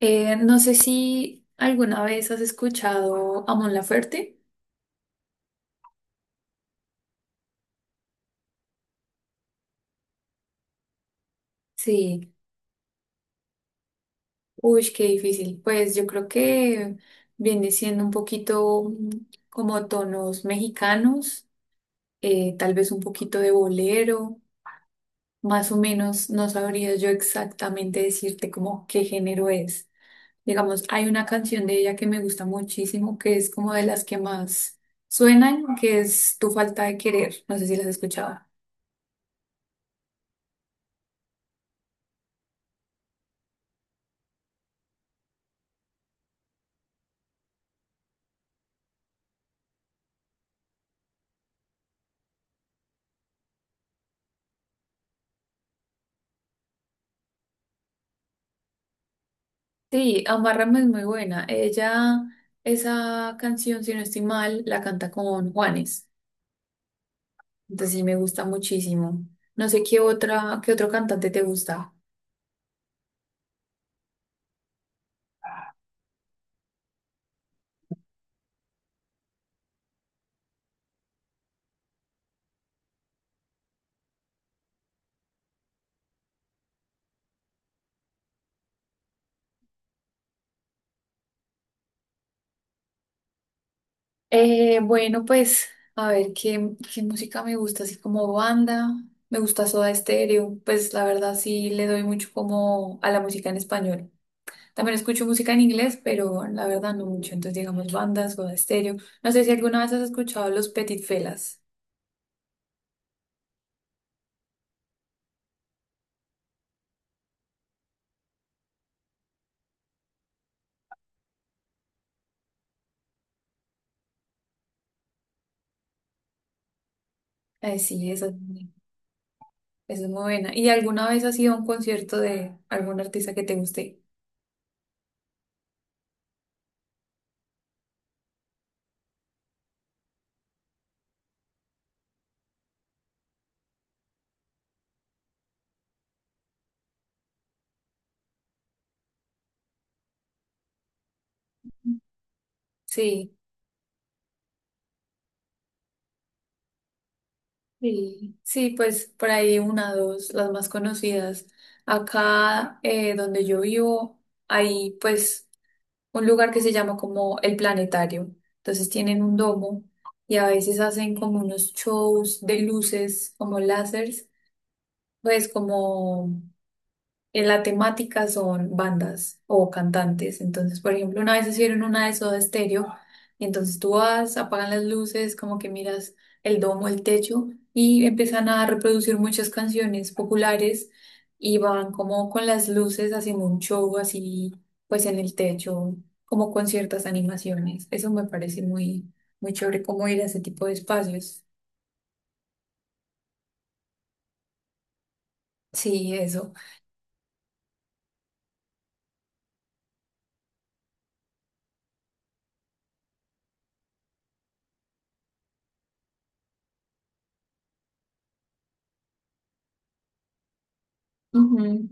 No sé si alguna vez has escuchado a Mon Laferte. Sí, uy, qué difícil. Pues yo creo que viene siendo un poquito como tonos mexicanos, tal vez un poquito de bolero, más o menos no sabría yo exactamente decirte como qué género es. Digamos, hay una canción de ella que me gusta muchísimo, que es como de las que más suenan, que es Tu falta de querer. No sé si la has escuchado. Sí, Amárrame es muy buena. Ella, esa canción, si no estoy mal, la canta con Juanes. Entonces sí me gusta muchísimo. No sé qué otro cantante te gusta. Bueno, pues, a ver, qué música me gusta? Así como banda, me gusta Soda Stereo. Pues la verdad sí le doy mucho como a la música en español. También escucho música en inglés, pero la verdad no mucho. Entonces digamos bandas, Soda Stereo. No sé si alguna vez has escuchado Los Petit Felas. Sí, eso. Es muy buena. ¿Y alguna vez has ido a un concierto de algún artista que te guste? Sí, sí, sí, pues por ahí una, dos, las más conocidas. Acá donde yo vivo hay pues un lugar que se llama como el Planetario. Entonces tienen un domo y a veces hacen como unos shows de luces, como lásers, pues como en la temática son bandas o cantantes. Entonces, por ejemplo, una vez hicieron una de Soda Stereo, entonces tú vas, apagan las luces, como que miras el domo, el techo, y empiezan a reproducir muchas canciones populares y van como con las luces haciendo un show así, pues en el techo, como con ciertas animaciones. Eso me parece muy, muy chévere, como ir a ese tipo de espacios. Sí, eso. Ujú.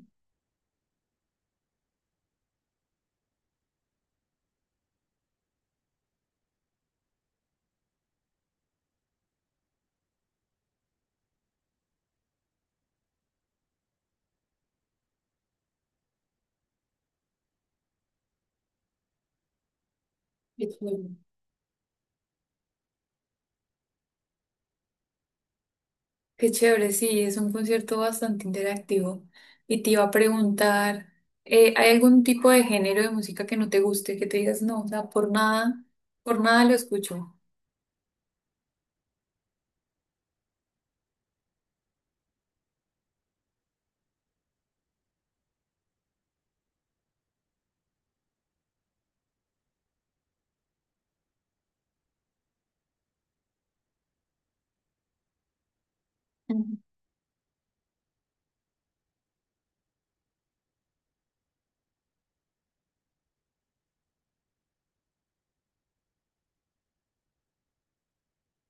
Qué chévere, sí, es un concierto bastante interactivo. Y te iba a preguntar, ¿hay algún tipo de género de música que no te guste, que te digas, no, o sea, por nada lo escucho? Ujú.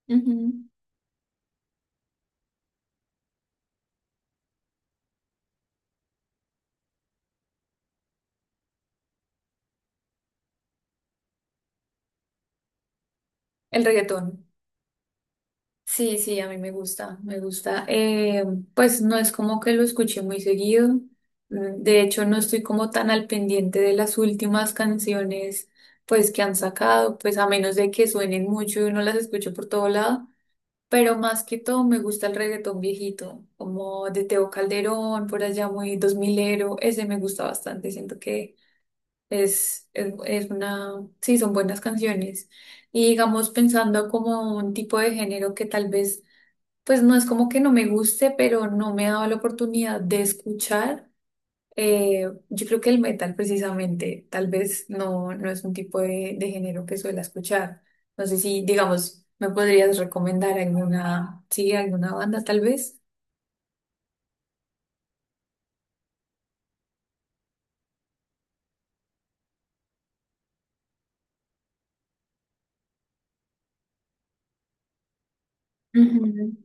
Ujú. El reggaetón. Sí, sí, a mí me gusta, me gusta. Pues no es como que lo escuché muy seguido. De hecho, no estoy como tan al pendiente de las últimas canciones, pues que han sacado, pues a menos de que suenen mucho y uno las escuche por todo lado. Pero más que todo me gusta el reggaetón viejito, como de Teo Calderón, por allá muy dos milero, ese me gusta bastante, siento que es una, sí, son buenas canciones. Y digamos pensando como un tipo de género que tal vez, pues no es como que no me guste, pero no me he dado la oportunidad de escuchar. Yo creo que el metal precisamente, tal vez no, no es un tipo de género que suela escuchar. No sé si, digamos, me podrías recomendar alguna, sí, alguna banda tal vez. Ujú.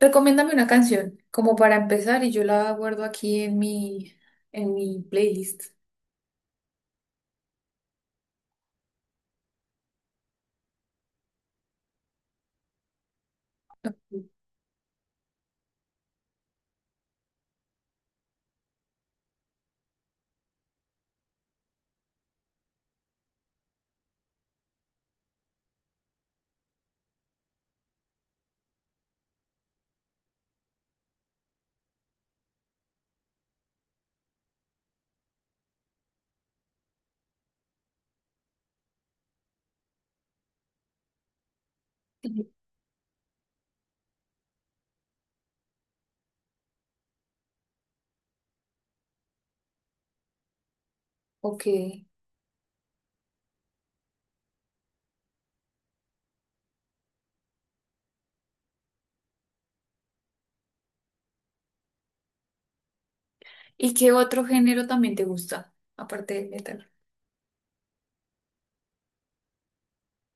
Recomiéndame una canción, como para empezar, y yo la guardo aquí en mi playlist. Ujú. Ok. ¿Y qué otro género también te gusta? Aparte del metal.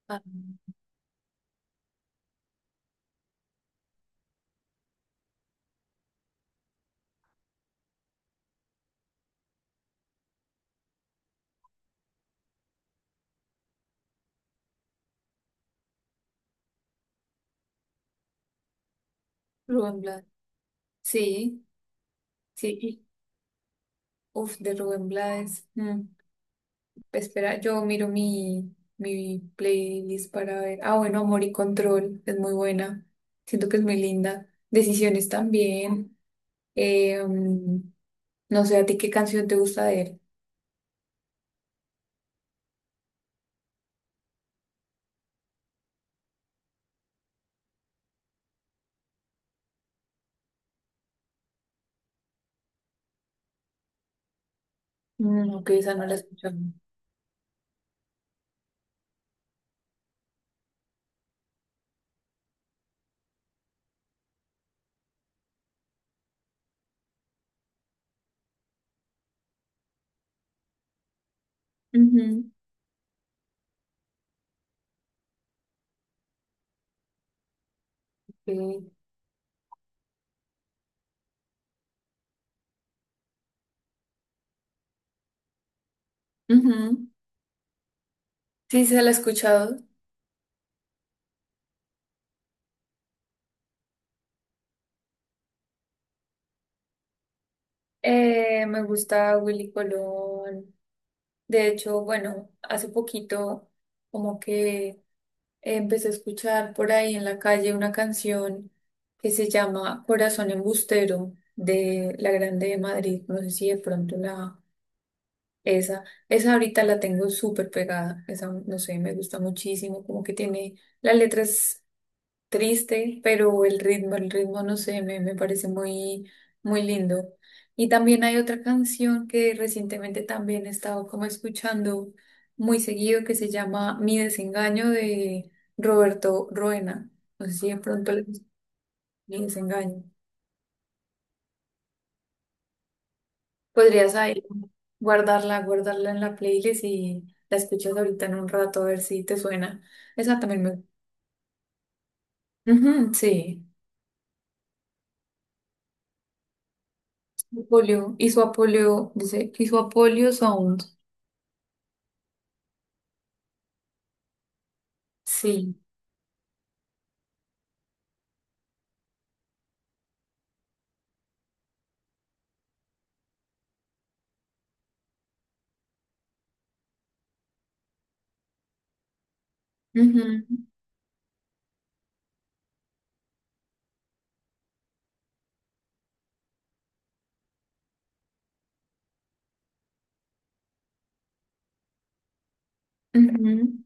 Ah, Rubén Blades. Sí, sí. Uf, de Rubén Blades. Mm. Espera, yo miro mi, mi playlist para ver. Ah, bueno, Amor y Control es muy buena. Siento que es muy linda. Decisiones también. Eh, mm, no sé, ¿a ti qué canción te gusta de él? Mm, ok, esa no la he escuchado. Ujú, sí, ujú. Sí, se la he escuchado. Me gusta Willy Colón. De hecho, bueno, hace poquito como que empecé a escuchar por ahí en la calle una canción que se llama Corazón Embustero de La Grande de Madrid. No sé si de pronto la esa, esa ahorita la tengo súper pegada. Esa, no sé, me gusta muchísimo, como que tiene las letras triste, pero el ritmo, no sé, me parece muy, muy lindo. Y también hay otra canción que recientemente también he estado como escuchando muy seguido que se llama Mi desengaño de Roberto Ruena. No sé si de pronto le gusta Mi desengaño. Podrías ahí guardarla en la playlist y la escuchas ahorita en un rato a ver si te suena. Esa también me... Ujú, sí. Apolio, y su Apolio, dice, y su Apolio Sound. Sí, ujú, ujú.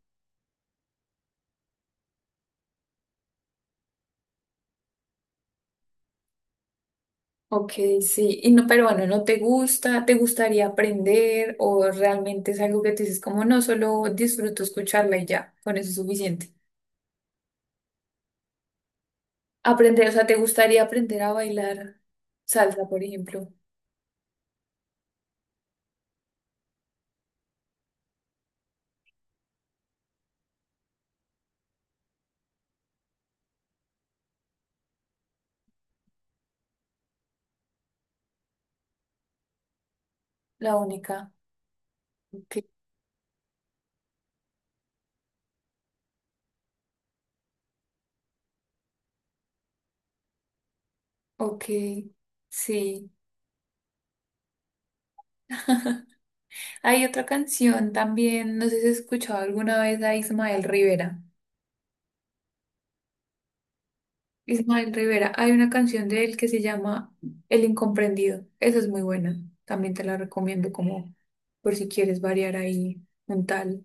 Ok, sí. Y no, pero bueno, ¿no te gusta? ¿Te gustaría aprender? ¿O realmente es algo que te dices como no, solo disfruto escucharla y ya, con eso es suficiente? Aprender, o sea, ¿te gustaría aprender a bailar salsa, por ejemplo? La única. Ok, ok, sí. Hay otra canción también, no sé si has escuchado alguna vez a Ismael Rivera. Ismael Rivera, hay una canción de él que se llama El Incomprendido. Esa es muy buena. También te la recomiendo como por si quieres variar ahí un tal.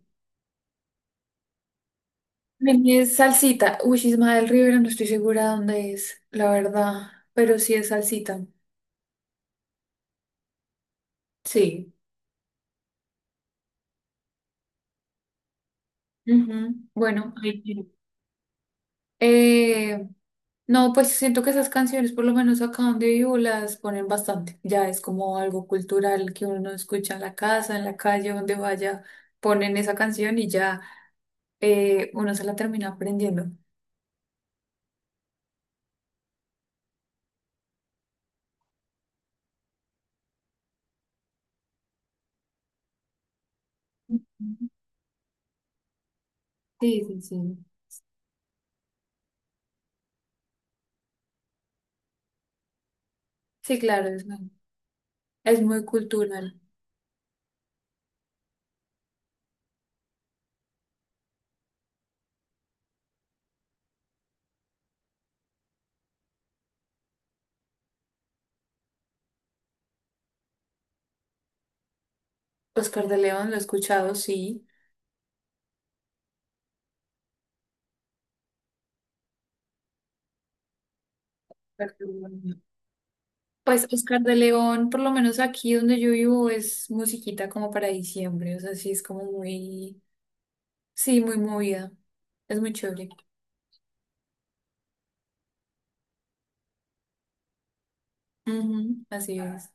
También es salsita. Uy, Ismael Rivera, no estoy segura dónde es, la verdad, pero sí es salsita. Sí. Ujú. Bueno, ahí tiene. eh, no, pues siento que esas canciones, por lo menos acá donde vivo, las ponen bastante. Ya es como algo cultural que uno escucha en la casa, en la calle, donde vaya, ponen esa canción y ya. Uno se la termina aprendiendo. Ujú. Sí, sí, sí. Sí, claro, es muy cultural. Oscar de León, lo he escuchado, sí. Perdón. Pues Oscar de León, por lo menos aquí donde yo vivo, es musiquita como para diciembre, o sea, sí es como muy, sí, muy movida, es muy chévere. Ujú, así es.